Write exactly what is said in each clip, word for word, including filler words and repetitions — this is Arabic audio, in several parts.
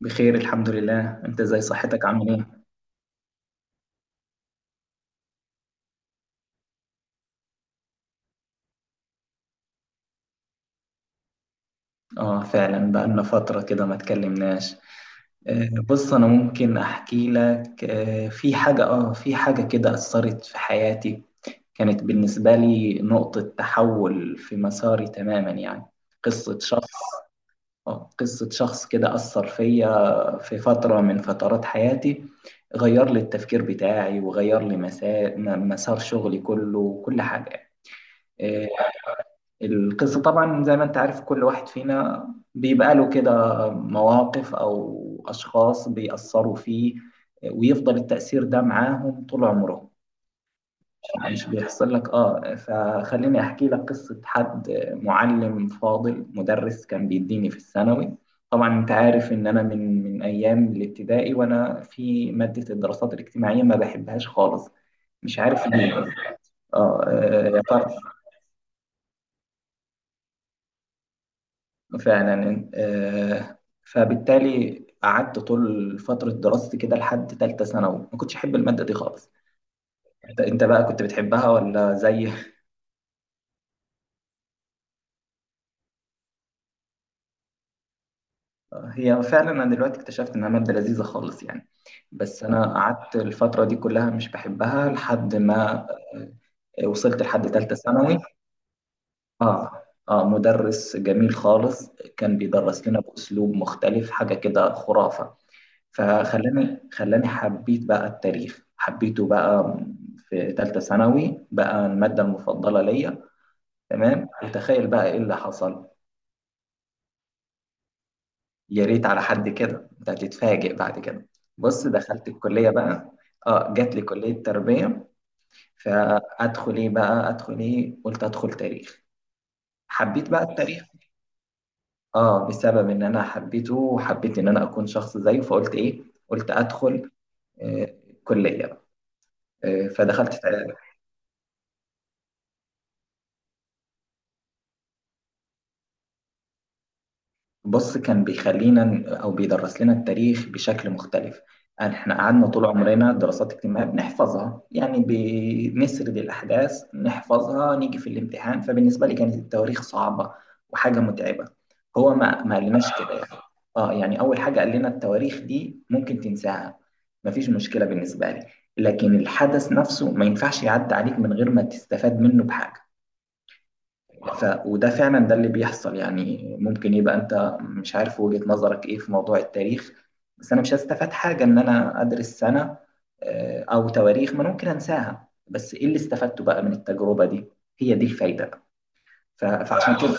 بخير، الحمد لله. انت ازاي؟ صحتك؟ عامل ايه؟ اه فعلا بقالنا فترة كده ما اتكلمناش. آه، بص انا ممكن احكي لك، آه، في حاجة اه في حاجة كده اثرت في حياتي. كانت بالنسبة لي نقطة تحول في مساري تماما يعني. قصة شخص آه، قصة شخص كده اثر فيا في فترة من فترات حياتي. غير لي التفكير بتاعي، وغير لي مسار مسار شغلي كله وكل حاجة. آه، القصة طبعا زي ما انت عارف، كل واحد فينا بيبقى له كده مواقف أو أشخاص بيأثروا فيه، ويفضل التأثير ده معاهم طول عمره. يعني مش بيحصل لك؟ اه فخليني أحكي لك قصة حد، معلم فاضل، مدرس كان بيديني في الثانوي. طبعا انت عارف ان انا من من ايام الابتدائي وانا في مادة الدراسات الاجتماعية ما بحبهاش خالص. مش عارف ليه. اه آه، يا ترى؟ فعلا. آه، فبالتالي قعدت طول فترة دراستي كده لحد تالتة ثانوي ما كنتش أحب المادة دي خالص. أنت أنت بقى كنت بتحبها ولا زي؟ هي فعلا، أنا دلوقتي اكتشفت إنها مادة لذيذة خالص يعني، بس أنا قعدت الفترة دي كلها مش بحبها لحد ما آه، وصلت لحد تالتة ثانوي. آه آه مدرس جميل خالص، كان بيدرس لنا بأسلوب مختلف، حاجة كده خرافة. فخلاني خلاني حبيت بقى التاريخ، حبيته بقى في ثالثة ثانوي بقى المادة المفضلة ليا. تمام، وتخيل بقى ايه اللي حصل. يا ريت على حد كده، انت هتتفاجئ بعد كده. بص، دخلت الكلية بقى، اه جات لي كلية تربية. فادخل ايه بقى؟ ادخل ايه؟ قلت ادخل تاريخ. حبيت بقى التاريخ، اه بسبب ان انا حبيته وحبيت ان انا اكون شخص زيه، فقلت ايه؟ قلت ادخل آه، كلية بقى. آه، فدخلت. بص، كان بيخلينا او بيدرس لنا التاريخ بشكل مختلف. يعني احنا قعدنا طول عمرنا دراسات اجتماعيه بنحفظها يعني، بنسرد الاحداث، نحفظها، نيجي في الامتحان. فبالنسبه لي كانت التواريخ صعبه وحاجه متعبه. هو ما ما قالناش كده يعني. اه يعني اول حاجه قال لنا التواريخ دي ممكن تنساها، مفيش مشكله بالنسبه لي. لكن الحدث نفسه ما ينفعش يعدي عليك من غير ما تستفاد منه بحاجه. ف... وده فعلا ده اللي بيحصل. يعني ممكن يبقى انت مش عارف وجهة نظرك ايه في موضوع التاريخ، بس انا مش هستفاد حاجة ان انا ادرس سنة آه، او تواريخ ما أنا ممكن انساها، بس ايه اللي استفدته بقى من التجربة دي؟ هي دي الفايدة. ف... فعشان كده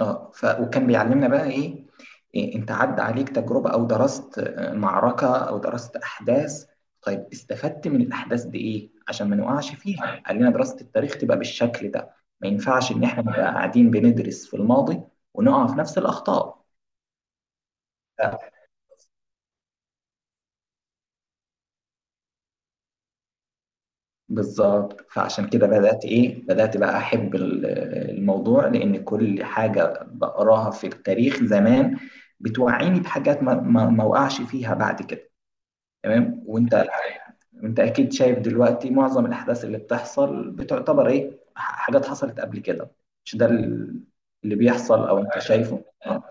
اه ف... وكان بيعلمنا بقى ايه. إيه، انت عدى عليك تجربة او درست آه، معركة او درست احداث، طيب استفدت من الاحداث دي ايه عشان ما نقعش فيها؟ قال لنا دراسة التاريخ تبقى بالشكل ده، ما ينفعش ان احنا نبقى قاعدين بندرس في الماضي ونقع في نفس الاخطاء. ف- بالظبط، فعشان كده بدأت إيه بدأت بقى أحب ال- الموضوع، لأن كل حاجة بقراها في التاريخ زمان بتوعيني بحاجات ما ما ما وقعش فيها بعد كده. تمام، وانت الح- وانت اكيد شايف دلوقتي معظم الاحداث اللي بتحصل بتعتبر ايه ح- حاجات حصلت قبل كده. مش ده ال- اللي بيحصل او انت شايفه؟ آه،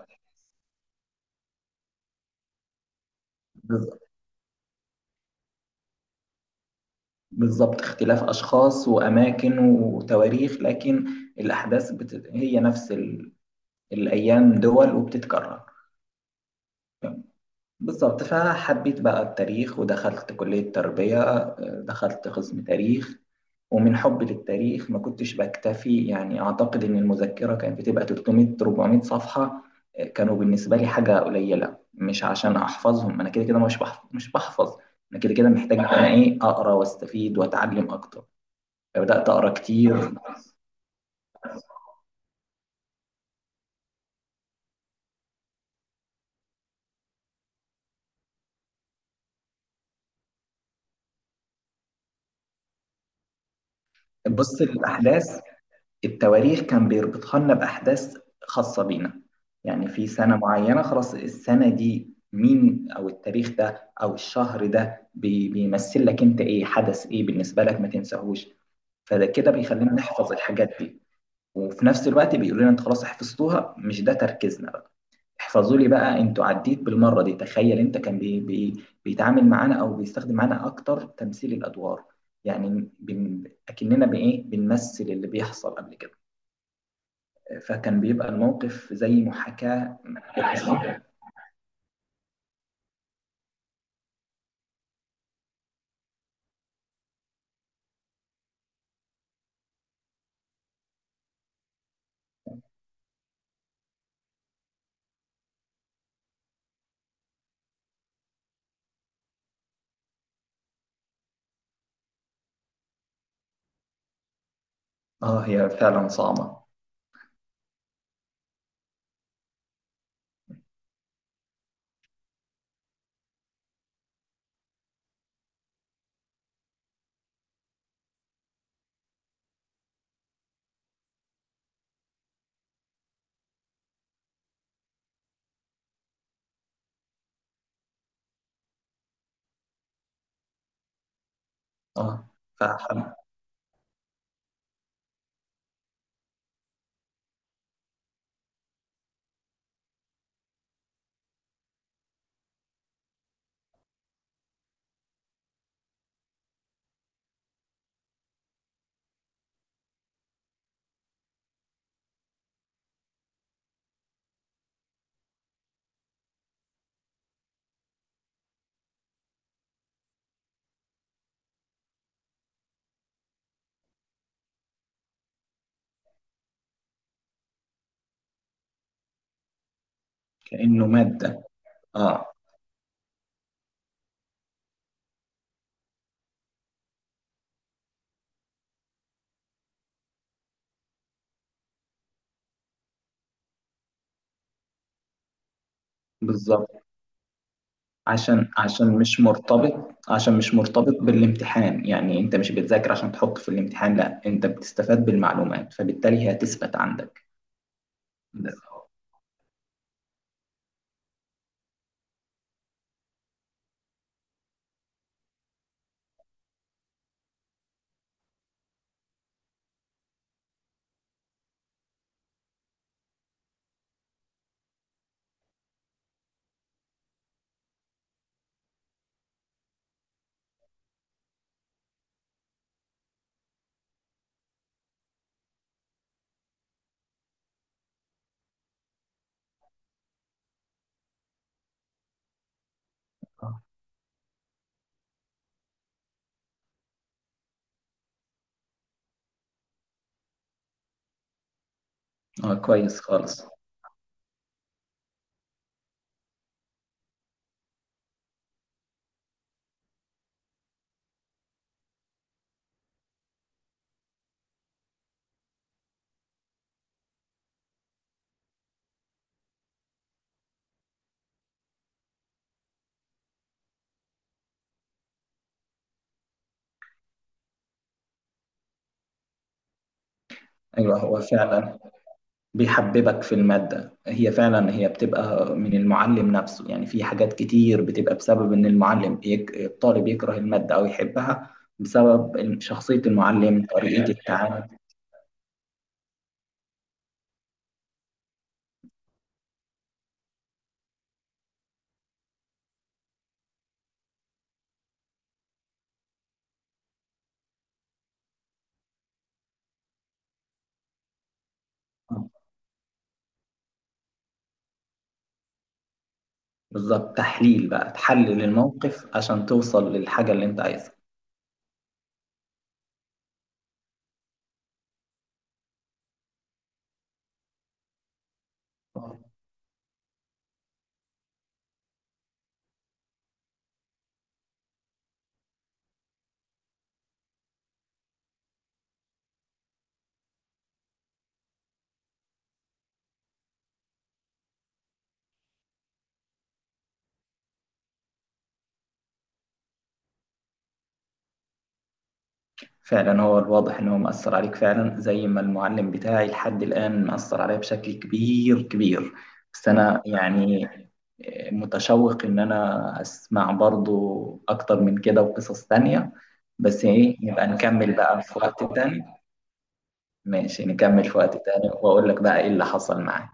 بز- بالظبط، اختلاف اشخاص واماكن وتواريخ، لكن الاحداث بت... هي نفس ال... الايام دول، وبتتكرر. بالظبط، فحبيت بقى التاريخ ودخلت كلية تربية، آه، دخلت قسم تاريخ. ومن حبي للتاريخ ما كنتش بكتفي. يعني أعتقد إن المذكرة كانت بتبقى ثلاثمائة أربعمية صفحة، آه، كانوا بالنسبة لي حاجة قليلة، مش عشان أحفظهم. أنا كده كده مش بحفظ مش بحفظ، أنا كده كده محتاج إن أنا إيه أقرأ وأستفيد وأتعلم أكتر. فبدأت أقرأ كتير. بص، الأحداث، التواريخ كان بيربطها لنا بأحداث خاصة بينا. يعني في سنة معينة خلاص، السنة دي مين أو التاريخ ده أو الشهر ده بي- بيمثل لك أنت إيه، حدث إيه بالنسبة لك ما تنساهوش. فده كده بيخلينا نحفظ الحاجات دي، وفي نفس الوقت بيقولوا لنا أنت خلاص حفظتوها، مش ده تركيزنا بقى. احفظوا لي بقى أنتوا عديت بالمرة دي. تخيل أنت، كان بي بي بيتعامل معانا أو بيستخدم معانا أكتر تمثيل الأدوار. يعني بن- أكننا بإيه بنمثل اللي بيحصل قبل كده، فكان بيبقى الموقف زي محاكاة. اه، هي فعلا صعبة. اه، فحب. كأنه مادة. اه، بالظبط. عشان عشان مش مرتبط عشان مش مرتبط بالامتحان، يعني انت مش بتذاكر عشان تحط في الامتحان، لا انت بتستفاد بالمعلومات، فبالتالي هي هتثبت عندك. اه، آه، كويس خالص. ايوه، هو فعلا بيحببك في المادة، هي فعلا هي بتبقى من المعلم نفسه. يعني في حاجات كتير بتبقى بسبب إن المعلم يك... الطالب يكره المادة أو يحبها، بسبب شخصية المعلم، طريقة الحياة، التعامل. بالظبط، تحليل بقى، تحلل الموقف عشان توصل للحاجة اللي أنت عايزها. فعلا، هو الواضح إن هو مأثر عليك فعلا، زي ما المعلم بتاعي لحد الآن مأثر عليا بشكل كبير كبير. بس أنا يعني متشوق إن أنا أسمع برضو أكتر من كده وقصص تانية. بس إيه، يبقى نكمل بقى في وقت تاني. ماشي، نكمل في وقت تاني وأقول لك بقى إيه اللي حصل معايا.